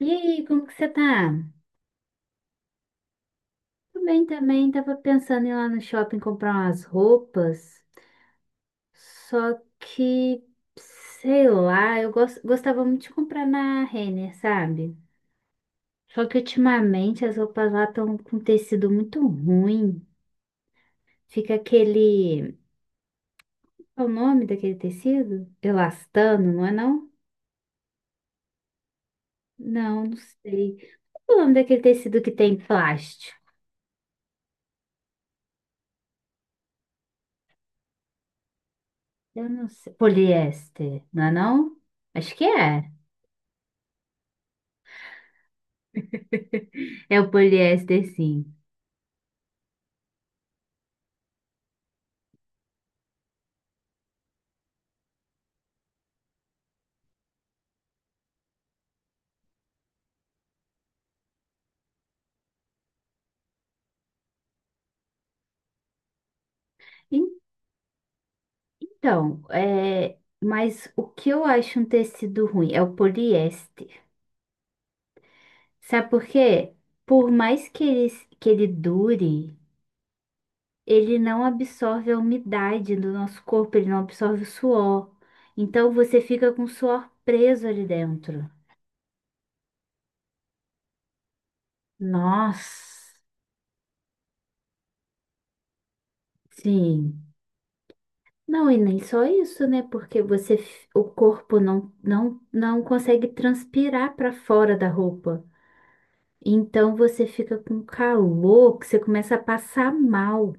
E aí, como que você tá? Tudo bem também, tava pensando em ir lá no shopping comprar umas roupas, só que, sei lá, gostava muito de comprar na Renner, sabe? Só que ultimamente as roupas lá estão com tecido muito ruim, fica aquele... qual é o nome daquele tecido? Elastano, não é não? Não, não sei. Qual é o nome daquele tecido que tem plástico? Eu não sei. Poliéster, não é não? Acho que é. É o poliéster, sim. En- Então, mas o que eu acho um tecido ruim é o poliéster. Sabe por quê? Por mais que ele dure, ele não absorve a umidade do nosso corpo, ele não absorve o suor. Então você fica com o suor preso ali dentro. Nossa, sim. Não, e nem só isso, né? Porque o corpo não consegue transpirar para fora da roupa. Então você fica com calor que você começa a passar mal.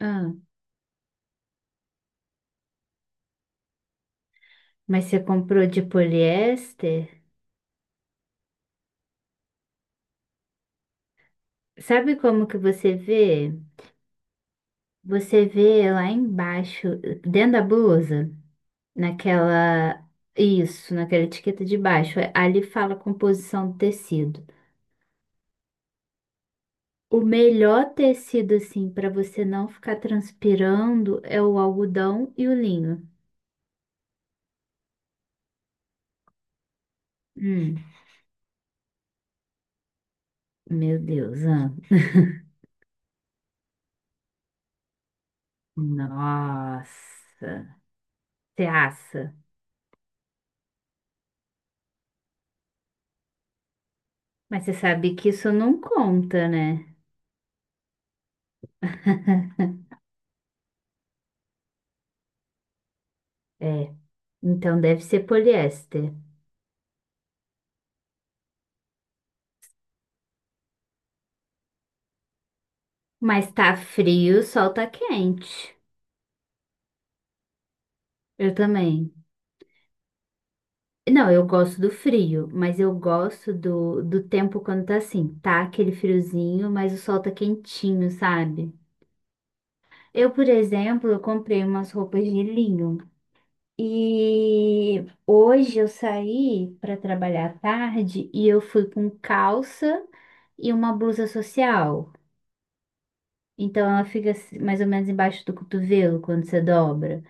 Ah, mas você comprou de poliéster? Sabe como que você vê? Você vê lá embaixo, dentro da blusa, naquela. Isso, naquela etiqueta de baixo. É, ali fala a composição do tecido. O melhor tecido, assim, para você não ficar transpirando é o algodão e o linho. Hum, meu Deus, ah, nossa, você assa. Mas você sabe que isso não conta, né? É, então deve ser poliéster. Mas tá frio, o sol tá quente. Eu também. Não, eu gosto do frio, mas eu gosto do tempo quando tá assim, tá aquele friozinho, mas o sol tá quentinho, sabe? Eu, por exemplo, eu comprei umas roupas de linho e hoje eu saí para trabalhar à tarde e eu fui com calça e uma blusa social. Então ela fica assim, mais ou menos embaixo do cotovelo quando você dobra.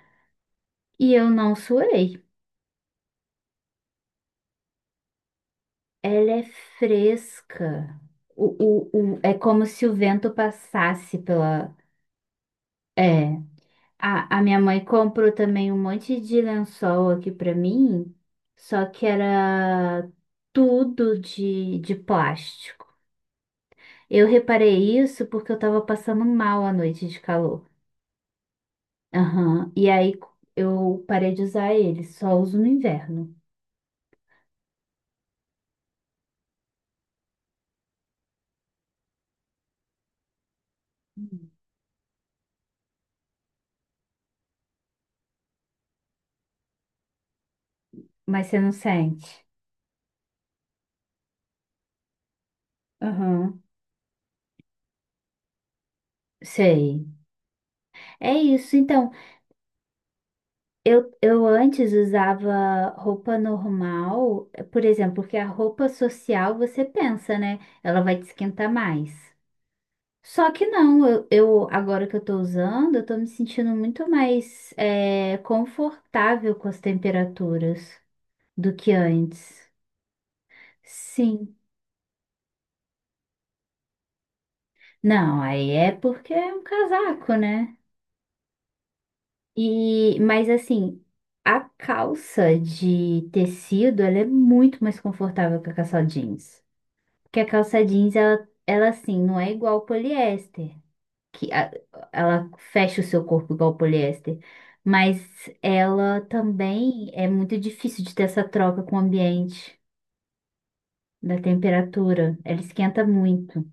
E eu não suei. Ela é fresca. É como se o vento passasse pela. É. A minha mãe comprou também um monte de lençol aqui pra mim, só que era tudo de plástico. Eu reparei isso porque eu tava passando mal à noite de calor. Aham. E aí eu parei de usar ele, só uso no inverno. Mas você não sente. Aham, sei. É isso. Então, eu antes usava roupa normal, por exemplo, porque a roupa social você pensa, né? Ela vai te esquentar mais. Só que não, agora que eu tô usando, eu tô me sentindo muito mais confortável com as temperaturas do que antes. Sim. Não, aí é porque é um casaco, né? E, mas assim, a calça de tecido, ela é muito mais confortável que a calça jeans. Porque a calça jeans, ela assim, não é igual ao poliéster, que a- ela fecha o seu corpo igual ao poliéster. Mas ela também é muito difícil de ter essa troca com o ambiente, da temperatura. Ela esquenta muito.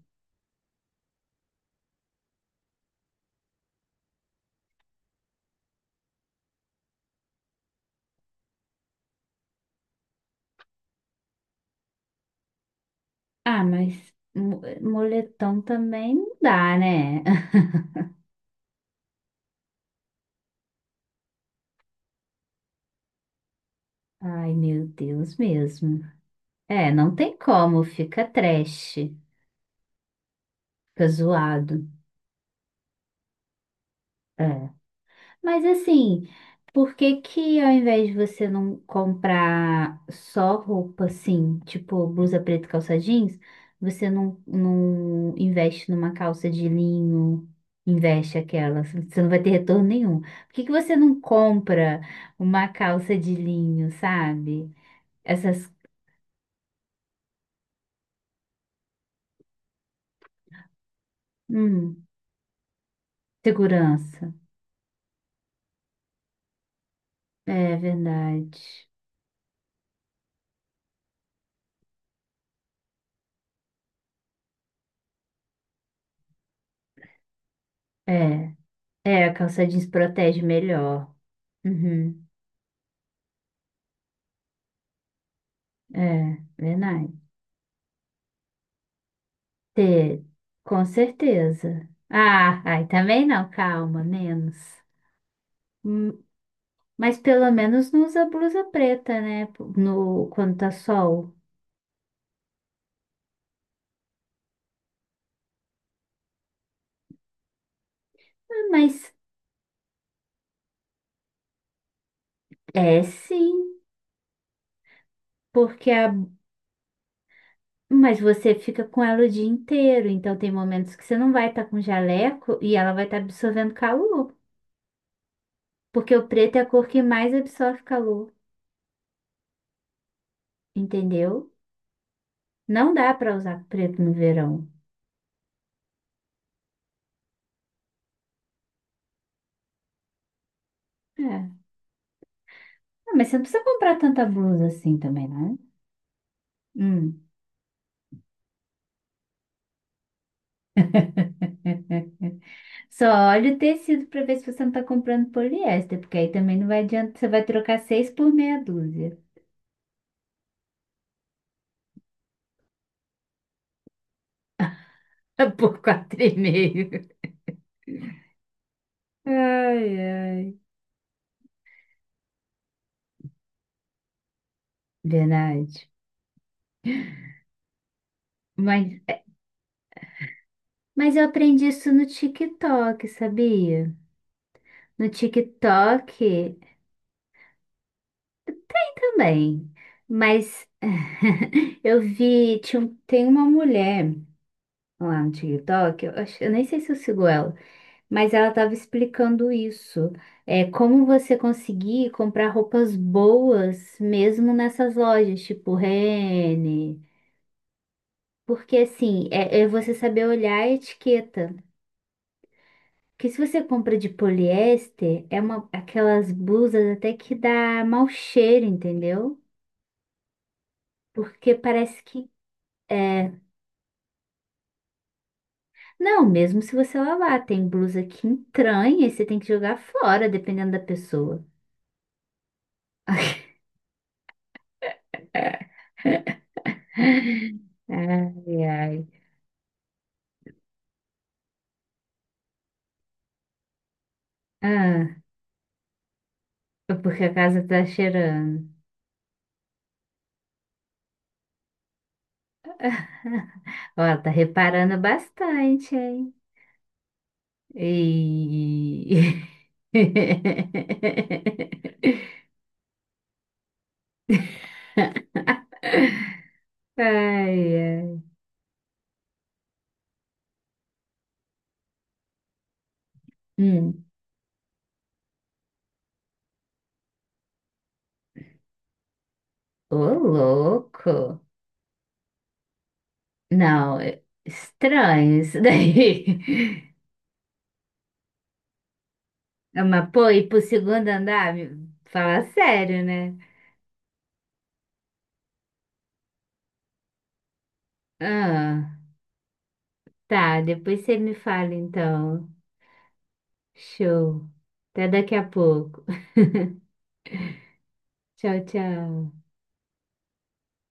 Ah, mas moletom também não dá, né? Ai, meu Deus mesmo. É, não tem como, fica trash, fica zoado. É. Mas assim, por que que ao invés de você não comprar só roupa assim, tipo blusa preta e calça jeans, você não investe numa calça de linho, investe aquela, você não vai ter retorno nenhum. Por que que você não compra uma calça de linho, sabe? Essas, hum, segurança. É verdade. É. É, a calça jeans protege melhor. Uhum. É, verdade. Te- Com certeza. Ah, ai, também não, calma, menos. Hum, Mas pelo menos não usa blusa preta, né? No, quando tá sol. Ah, mas é sim, porque mas você fica com ela o dia inteiro, então tem momentos que você não vai estar com jaleco e ela vai estar absorvendo calor, porque o preto é a cor que mais absorve calor, entendeu? Não dá para usar preto no verão. É. Ah, mas você não precisa comprar tanta blusa assim também, não? Hum. Só olha o tecido para ver se você não tá comprando poliéster, porque aí também não vai adiantar. Você vai trocar seis por meia dúzia. Por quatro e meio. Ai, ai. Verdade. Mas, mas eu aprendi isso no TikTok, sabia? No TikTok e também. Mas eu vi, tem uma mulher lá no TikTok, eu nem sei se eu sigo ela, mas ela estava explicando isso. É como você conseguir comprar roupas boas mesmo nessas lojas, tipo Renner. Porque assim, é você saber olhar a etiqueta. Porque se você compra de poliéster, aquelas blusas até que dá mau cheiro, entendeu? Porque parece que é, não, mesmo se você lavar, tem blusa que entranha e você tem que jogar fora, dependendo da pessoa. Ai, ai. Ah, é porque a casa tá cheirando. Ó, tá reparando bastante, hein? E... Ai, ai. Hum. Ô, louco. Não, é estranho isso daí. Ah, mas, pô, ir pro segundo andar? Fala sério, né? Ah, tá, depois você me fala então. Show. Até daqui a pouco. Tchau, tchau.